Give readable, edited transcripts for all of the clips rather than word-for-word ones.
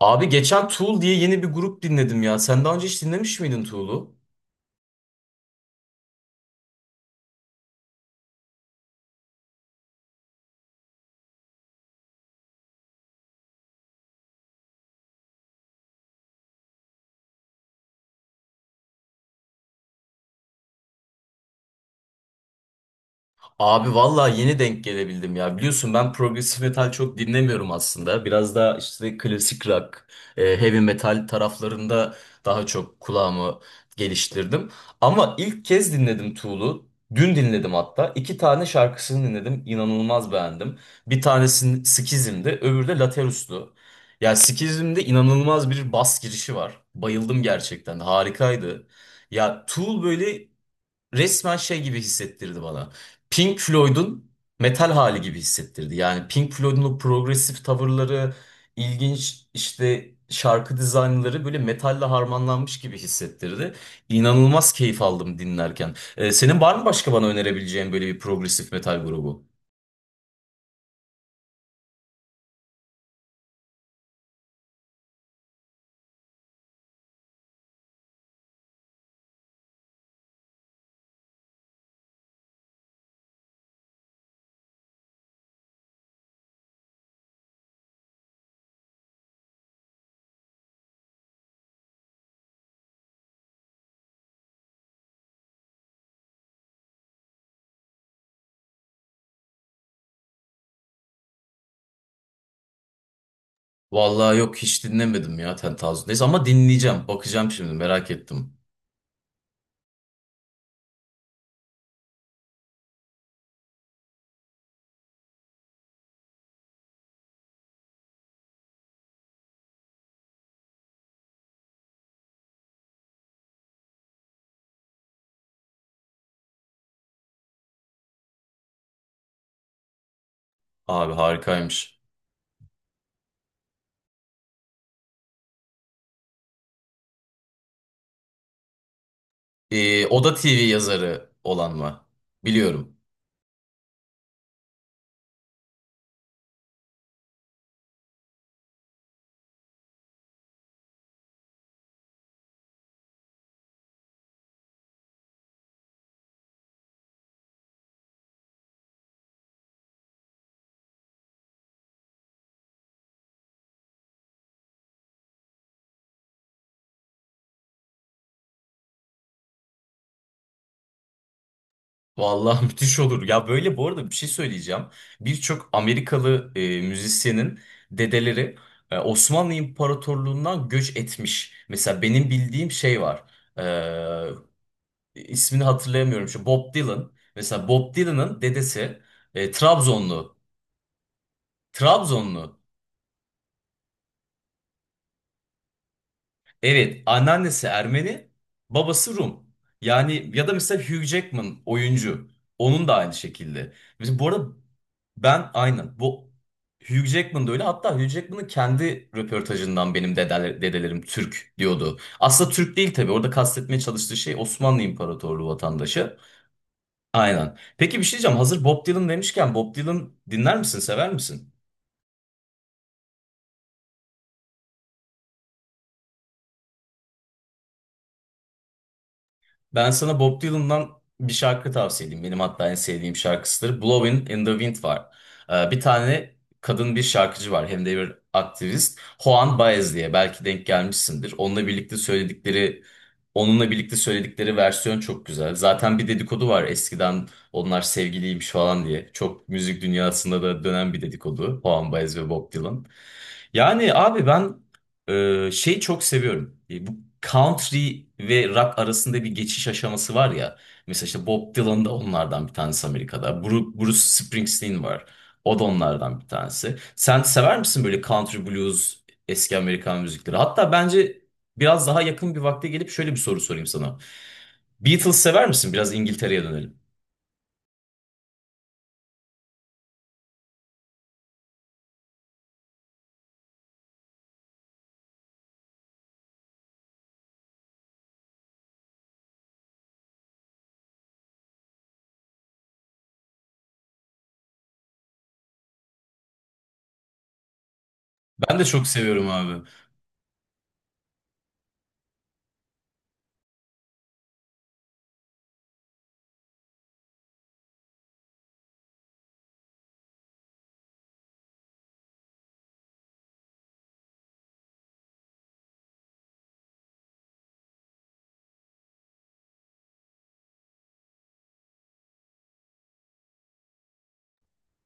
Abi geçen Tool diye yeni bir grup dinledim ya. Sen daha önce hiç dinlemiş miydin Tool'u? Abi vallahi yeni denk gelebildim ya. Biliyorsun ben progresif metal çok dinlemiyorum aslında. Biraz daha işte klasik rock, heavy metal taraflarında daha çok kulağımı geliştirdim. Ama ilk kez dinledim Tool'u. Dün dinledim hatta. İki tane şarkısını dinledim. İnanılmaz beğendim. Bir tanesi Schism'di, öbürü de Laterus'tu. Ya Schism'de inanılmaz bir bas girişi var. Bayıldım gerçekten. Harikaydı. Ya Tool böyle resmen şey gibi hissettirdi bana. Pink Floyd'un metal hali gibi hissettirdi. Yani Pink Floyd'un o progresif tavırları, ilginç işte şarkı dizaynları böyle metalle harmanlanmış gibi hissettirdi. İnanılmaz keyif aldım dinlerken. Senin var mı başka bana önerebileceğin böyle bir progresif metal grubu? Vallahi yok hiç dinlemedim ya Ten Thousand Days ama dinleyeceğim. Bakacağım şimdi merak ettim. Abi harikaymış. Oda TV yazarı olan mı? Biliyorum. Vallahi müthiş olur. Ya böyle bu arada bir şey söyleyeceğim. Birçok Amerikalı müzisyenin dedeleri Osmanlı İmparatorluğundan göç etmiş. Mesela benim bildiğim şey var. İsmini hatırlayamıyorum. Şu Bob Dylan. Mesela Bob Dylan'ın dedesi Trabzonlu. Trabzonlu. Evet, anneannesi Ermeni, babası Rum. Yani ya da mesela Hugh Jackman oyuncu. Onun da aynı şekilde. Mesela bu arada ben aynen bu Hugh Jackman da öyle. Hatta Hugh Jackman'ın kendi röportajından benim dedeler, dedelerim Türk diyordu. Aslında Türk değil tabii. Orada kastetmeye çalıştığı şey Osmanlı İmparatorluğu vatandaşı. Aynen. Peki bir şey diyeceğim. Hazır Bob Dylan demişken Bob Dylan dinler misin, sever misin? Ben sana Bob Dylan'dan bir şarkı tavsiye edeyim. Benim hatta en sevdiğim şarkısıdır. Blowing in the Wind var. Bir tane kadın bir şarkıcı var. Hem de bir aktivist. Juan Baez diye. Belki denk gelmişsindir. Onunla birlikte söyledikleri versiyon çok güzel. Zaten bir dedikodu var eskiden onlar sevgiliymiş falan diye. Çok müzik dünyasında da dönen bir dedikodu. Juan Baez ve Bob Dylan. Yani abi ben şeyi çok seviyorum. E, bu country ve rock arasında bir geçiş aşaması var ya. Mesela işte Bob Dylan da onlardan bir tanesi Amerika'da. Bruce Springsteen var. O da onlardan bir tanesi. Sen sever misin böyle country blues, eski Amerikan müzikleri? Hatta bence biraz daha yakın bir vakte gelip şöyle bir soru sorayım sana. Beatles sever misin? Biraz İngiltere'ye dönelim. Ben de çok seviyorum abi.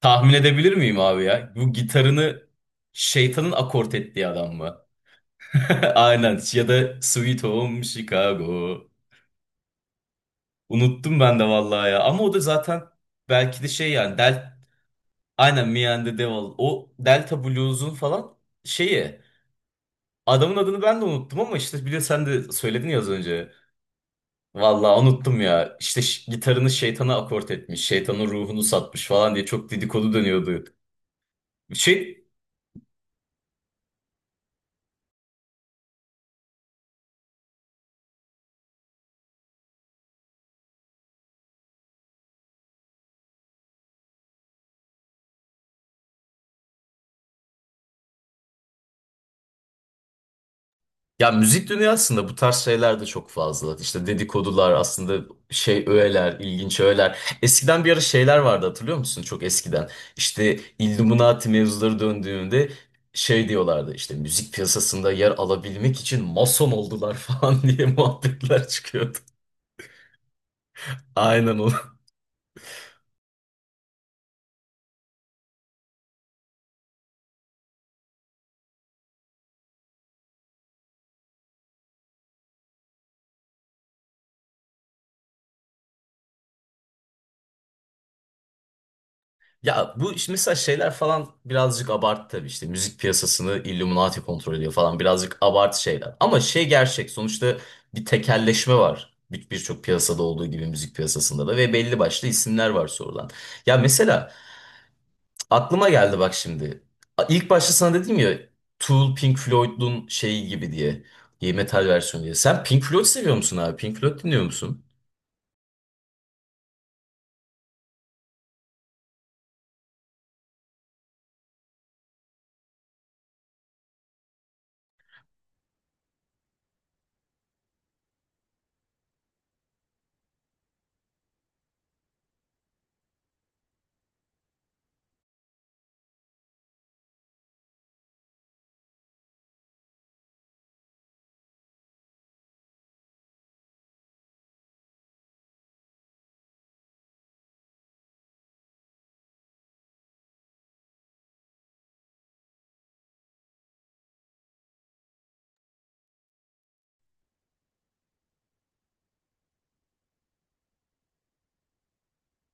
Tahmin edebilir miyim abi ya? Bu gitarını şeytanın akort ettiği adam mı? Aynen ya da Sweet Home Chicago. Unuttum ben de vallahi ya. Ama o da zaten belki de şey, yani Del aynen Me and the Devil. O Delta Blues'un falan şeyi. Adamın adını ben de unuttum ama işte biliyor sen de söyledin ya az önce. Vallahi unuttum ya. İşte gitarını şeytana akort etmiş. Şeytanın ruhunu satmış falan diye çok dedikodu dönüyordu. Şey, ya müzik dünyasında bu tarz şeyler de çok fazla. İşte dedikodular aslında şey öğeler, ilginç öğeler. Eskiden bir ara şeyler vardı, hatırlıyor musun? Çok eskiden. İşte Illuminati mevzuları döndüğünde şey diyorlardı, işte müzik piyasasında yer alabilmek için mason oldular falan diye muhabbetler çıkıyordu. Aynen. Ya bu işte mesela şeyler falan birazcık abartı tabii, işte müzik piyasasını Illuminati kontrol ediyor falan, birazcık abartı şeyler. Ama şey gerçek sonuçta, bir tekelleşme var. Birçok piyasada olduğu gibi müzik piyasasında da, ve belli başlı isimler var sorulan. Ya mesela aklıma geldi bak şimdi. İlk başta sana dedim ya Tool Pink Floyd'un şeyi gibi diye. Y metal versiyonu diye. Sen Pink Floyd seviyor musun abi? Pink Floyd dinliyor musun?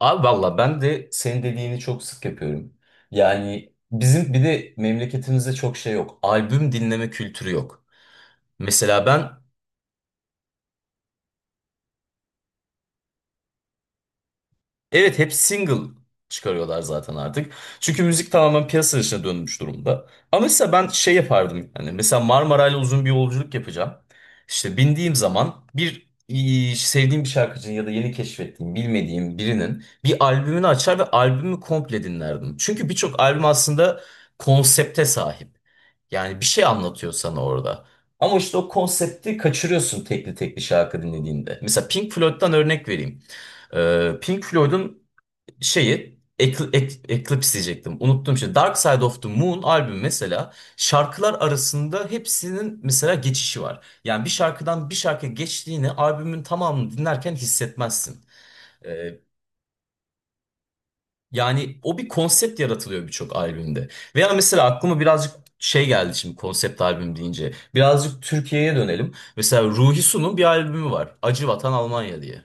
Abi valla ben de senin dediğini çok sık yapıyorum. Yani bizim bir de memleketimizde çok şey yok. Albüm dinleme kültürü yok. Mesela ben evet hep single çıkarıyorlar zaten artık. Çünkü müzik tamamen piyasa dışına dönmüş durumda. Ama mesela ben şey yapardım. Yani mesela Marmaray'la uzun bir yolculuk yapacağım. İşte bindiğim zaman bir sevdiğim bir şarkıcının ya da yeni keşfettiğim, bilmediğim birinin bir albümünü açar ve albümü komple dinlerdim. Çünkü birçok albüm aslında konsepte sahip. Yani bir şey anlatıyor sana orada. Ama işte o konsepti kaçırıyorsun tekli tekli şarkı dinlediğinde. Mesela Pink Floyd'dan örnek vereyim. Pink Floyd'un şeyi Eclipse diyecektim. Unuttum şimdi. Dark Side of the Moon albüm mesela, şarkılar arasında hepsinin mesela geçişi var. Yani bir şarkıdan bir şarkıya geçtiğini albümün tamamını dinlerken hissetmezsin. Ee, Yani o bir konsept yaratılıyor birçok albümde. Veya mesela aklıma birazcık şey geldi şimdi konsept albüm deyince. Birazcık Türkiye'ye dönelim. Mesela Ruhi Su'nun bir albümü var. Acı Vatan Almanya diye.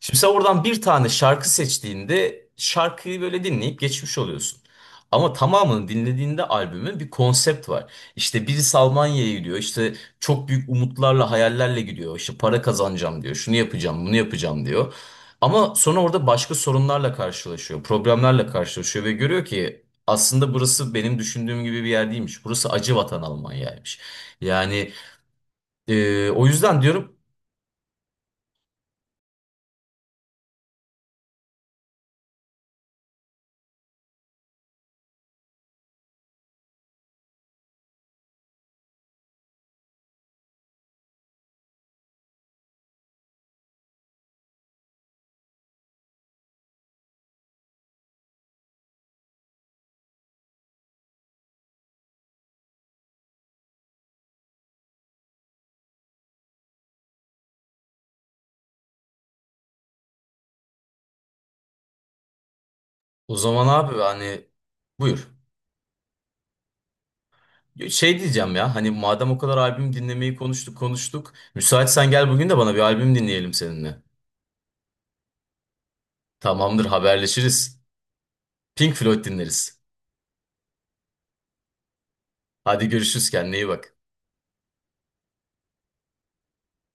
Şimdi sen oradan bir tane şarkı seçtiğinde şarkıyı böyle dinleyip geçmiş oluyorsun. Ama tamamını dinlediğinde albümün bir konsept var. İşte birisi Almanya'ya gidiyor. İşte çok büyük umutlarla, hayallerle gidiyor. İşte para kazanacağım diyor. Şunu yapacağım, bunu yapacağım diyor. Ama sonra orada başka sorunlarla karşılaşıyor. Problemlerle karşılaşıyor ve görüyor ki aslında burası benim düşündüğüm gibi bir yer değilmiş. Burası acı vatan Almanya'ymış. Yani o yüzden diyorum o zaman abi, hani buyur. Şey diyeceğim ya, hani madem o kadar albüm dinlemeyi konuştuk konuştuk. Müsaitsen gel bugün de bana bir albüm dinleyelim seninle. Tamamdır, haberleşiriz. Pink Floyd dinleriz. Hadi görüşürüz, kendine iyi bak.